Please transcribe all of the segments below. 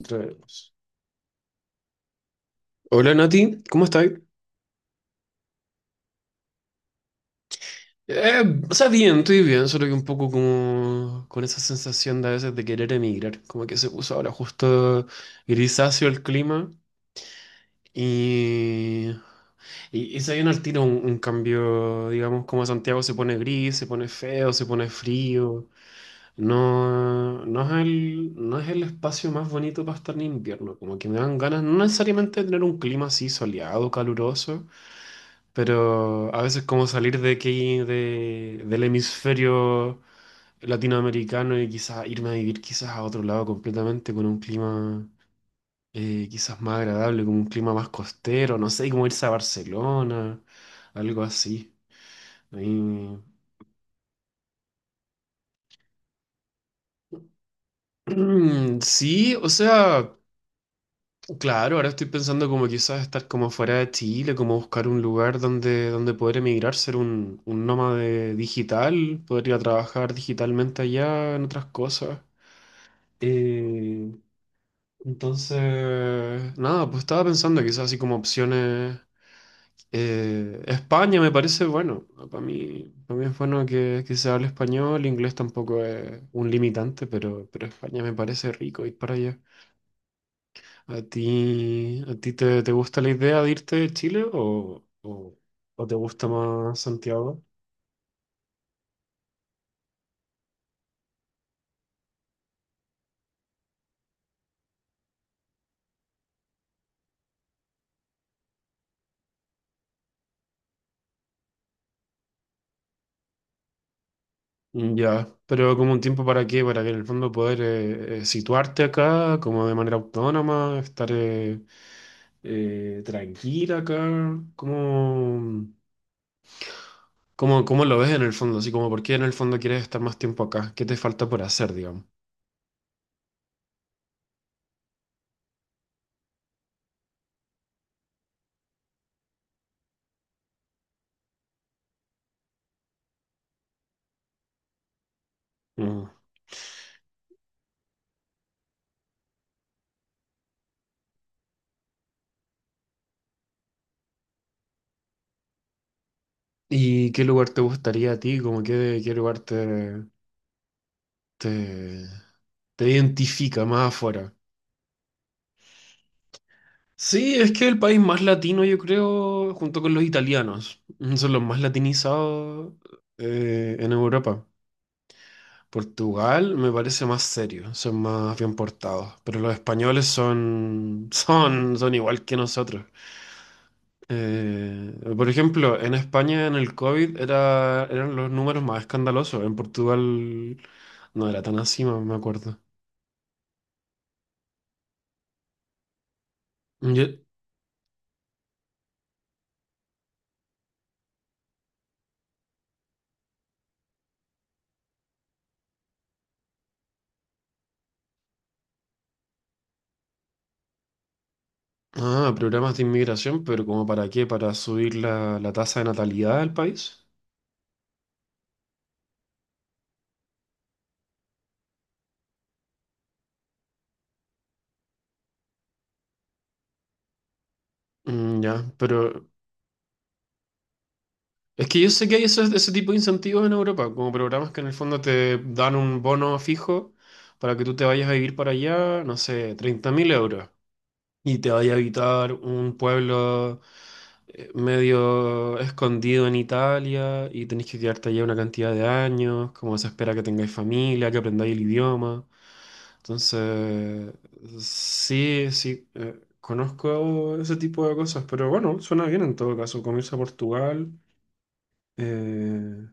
Entremos. Hola Nati, ¿cómo estás? Bien, estoy bien, solo que un poco como con esa sensación de a veces de querer emigrar, como que se puso ahora justo grisáceo el clima y, y se viene al tiro un cambio, digamos, como Santiago se pone gris, se pone feo, se pone frío, no es el espacio más bonito para estar en invierno, como que me dan ganas no necesariamente de tener un clima así soleado, caluroso. Pero a veces como salir de aquí, del hemisferio latinoamericano y quizás irme a vivir quizás a otro lado completamente con un clima quizás más agradable, con un clima más costero, no sé, como irse a Barcelona, algo así. Ahí- Sí, o sea... Claro, ahora estoy pensando como quizás estar como fuera de Chile, como buscar un lugar donde, donde poder emigrar, ser un nómade digital, poder ir a trabajar digitalmente allá en otras cosas. Eh, entonces, nada, pues estaba pensando quizás así como opciones. España me parece bueno, para mí es bueno que se hable español, inglés tampoco es un limitante, pero España me parece rico ir para allá. A ti te gusta la idea de irte de Chile o te gusta más Santiago? Mm. Ya, pero como un tiempo para qué, para que en el fondo poder situarte acá como de manera autónoma, estar tranquila acá, ¿cómo lo ves en el fondo? Así como, ¿por qué en el fondo quieres estar más tiempo acá? ¿Qué te falta por hacer, digamos? Mm. ¿Y qué lugar te gustaría a ti? Como qué lugar te, te identifica más afuera? Sí, es que el país más latino, yo creo, junto con los italianos, mm, son los más latinizados en Europa. Portugal me parece más serio, son más bien portados, pero los españoles son, son igual que nosotros. Por ejemplo, en España en el COVID era, eran los números más escandalosos, en Portugal no era tan así, me acuerdo. Ye- Programas de inmigración, pero ¿como para qué? ¿Para subir la tasa de natalidad del país? Mm, ya, pero es que yo sé que hay ese tipo de incentivos en Europa, como programas que en el fondo te dan un bono fijo para que tú te vayas a vivir para allá, no sé, 30.000 euros y te vaya a habitar un pueblo medio escondido en Italia y tenés que quedarte allá una cantidad de años, como se espera que tengáis familia, que aprendáis el idioma. Entonces, sí, conozco ese tipo de cosas, pero bueno, suena bien en todo caso, como irse a Portugal. Eh,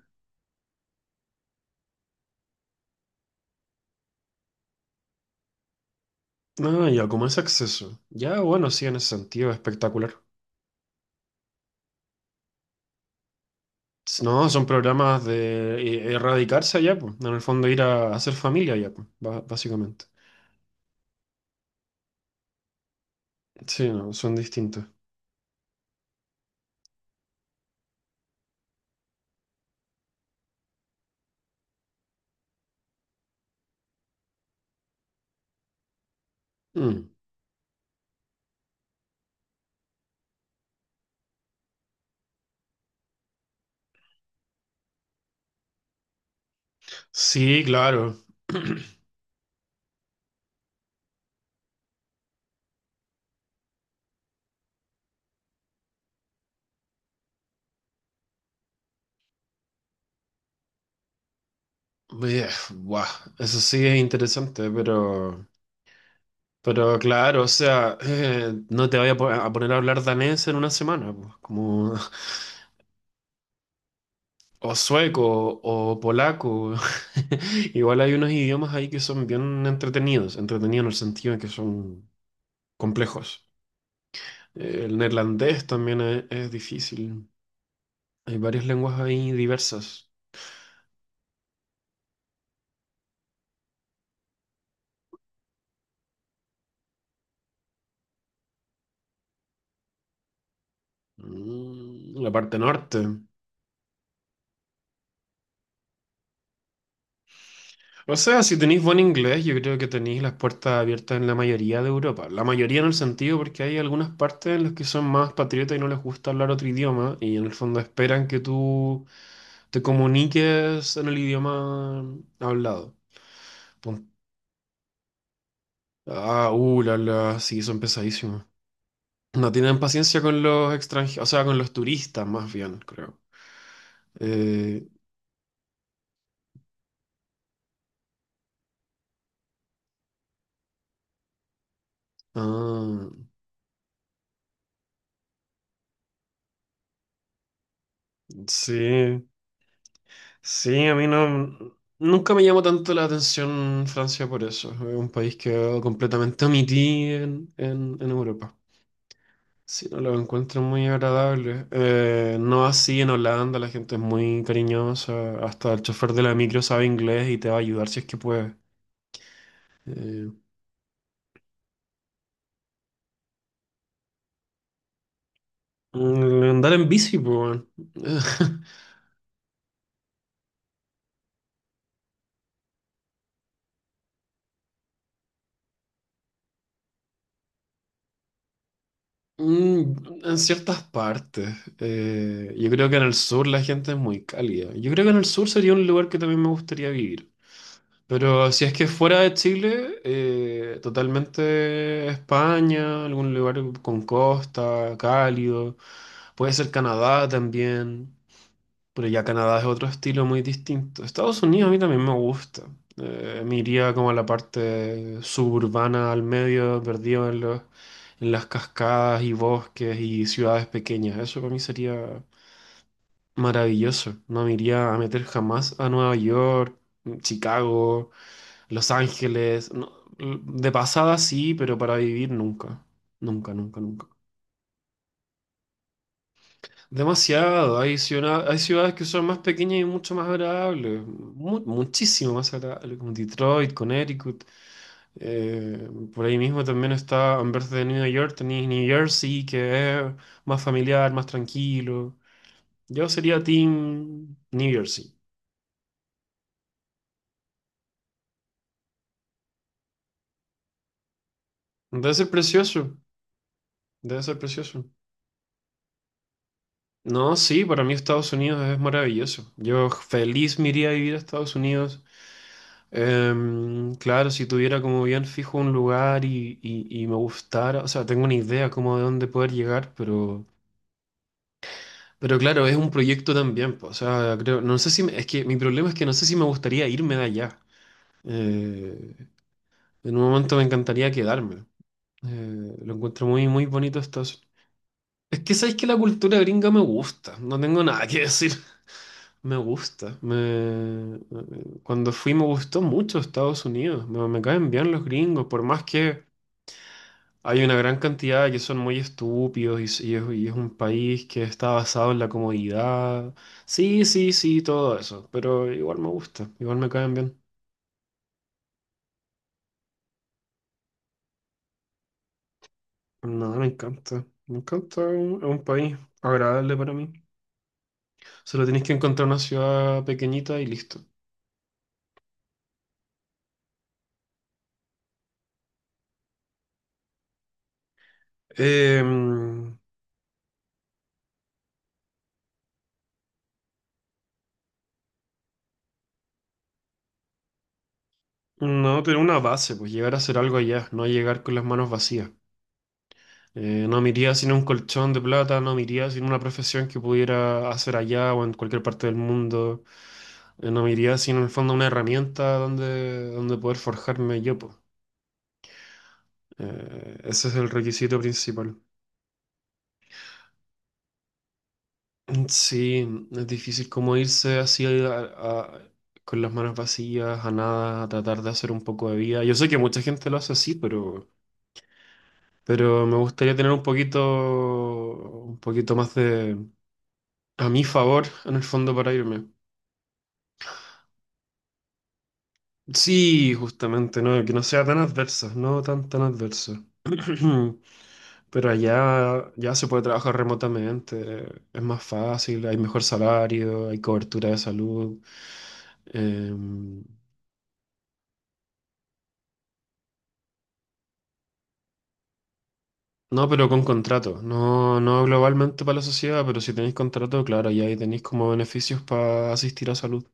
ya, como ese acceso. Ya, bueno, sí, en ese sentido, espectacular. No, son programas de erradicarse allá, pues. En el fondo ir a hacer familia allá, pues, básicamente. Sí, no, son distintos. Mm. Sí, claro. Bien, guau, eso sí es interesante, pero claro, o sea, no te voy a, a poner a hablar danés en 1 semana, pues, como, o sueco, o polaco. Igual hay unos idiomas ahí que son bien entretenidos, entretenidos en el sentido de que son complejos. El neerlandés también es difícil. Hay varias lenguas ahí diversas. Mm. La parte norte. O sea, si tenéis buen inglés, yo creo que tenéis las puertas abiertas en la mayoría de Europa. La mayoría en el sentido porque hay algunas partes en las que son más patriotas y no les gusta hablar otro idioma y en el fondo esperan que tú te comuniques en el idioma hablado. Pon- sí, son pesadísimos. No tienen paciencia con los extranjeros, o sea, con los turistas más bien, creo. Eh, ah, sí, sí, a mí no, nunca me llamó tanto la atención Francia por eso. Es un país que completamente omití en, en Europa. Sí, no lo encuentro muy agradable. No así en Holanda, la gente es muy cariñosa. Hasta el chofer de la micro sabe inglés y te va a ayudar si es que puede. Eh, Andar en bici, pues, weón. Mm, en ciertas partes. Yo creo que en el sur la gente es muy cálida. Yo creo que en el sur sería un lugar que también me gustaría vivir. Pero si es que fuera de Chile, totalmente España, algún lugar con costa, cálido. Puede ser Canadá también. Pero ya Canadá es otro estilo muy distinto. Estados Unidos a mí también me gusta. Me iría como a la parte suburbana, al medio, perdido en en las cascadas y bosques y ciudades pequeñas. Eso para mí sería maravilloso. No me iría a meter jamás a Nueva York, Chicago, Los Ángeles. No, de pasada sí, pero para vivir nunca. Nunca, nunca, nunca. Demasiado. Hay ciudades que son más pequeñas y mucho más agradables. Muchísimo más agradables, como Detroit, Connecticut. Eh, por ahí mismo también está, en vez de New York, tenéis New Jersey, que es más familiar, más tranquilo. Yo sería Team New Jersey. Debe ser precioso, debe ser precioso. No, sí, para mí Estados Unidos es maravilloso. Yo feliz me iría a vivir a Estados Unidos. Claro, si tuviera como bien fijo un lugar y me gustara, o sea, tengo una idea como de dónde poder llegar, pero claro, es un proyecto también, po, o sea, creo, no sé si, es que mi problema es que no sé si me gustaría irme de allá. Eh, en un momento me encantaría quedarme. Lo encuentro muy, muy bonito Estados. Es que sabéis que la cultura gringa me gusta, no tengo nada que decir. Me gusta. Me... Cuando fui me gustó mucho Estados Unidos. Me caen bien los gringos, por más que hay una gran cantidad que son muy estúpidos y es un país que está basado en la comodidad. Sí, sí, sí, todo eso. Pero igual me gusta, igual me caen bien. No, me encanta. Me encanta, es un país agradable para mí. Solo tienes que encontrar una ciudad pequeñita y listo. Em, no, tener una base, pues llegar a hacer algo allá, no llegar con las manos vacías. No me iría sin un colchón de plata, no me iría sin una profesión que pudiera hacer allá o en cualquier parte del mundo. No me iría sin, en el fondo, una herramienta donde, donde poder forjarme yo, po. Ese es el requisito principal. Sí, es difícil como irse así con las manos vacías, a nada, a tratar de hacer un poco de vida. Yo sé que mucha gente lo hace así, pero me gustaría tener un poquito más de a mi favor en el fondo para irme. Sí, justamente, ¿no? Que no sea tan adversa, no tan tan adversa. Pero allá ya se puede trabajar remotamente, es más fácil, hay mejor salario, hay cobertura de salud. Eh, no, pero con contrato, no, no globalmente para la sociedad, pero si tenéis contrato, claro, ya ahí tenéis como beneficios para asistir a salud.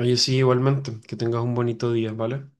Oye, sí, igualmente, que tengas un bonito día, ¿vale?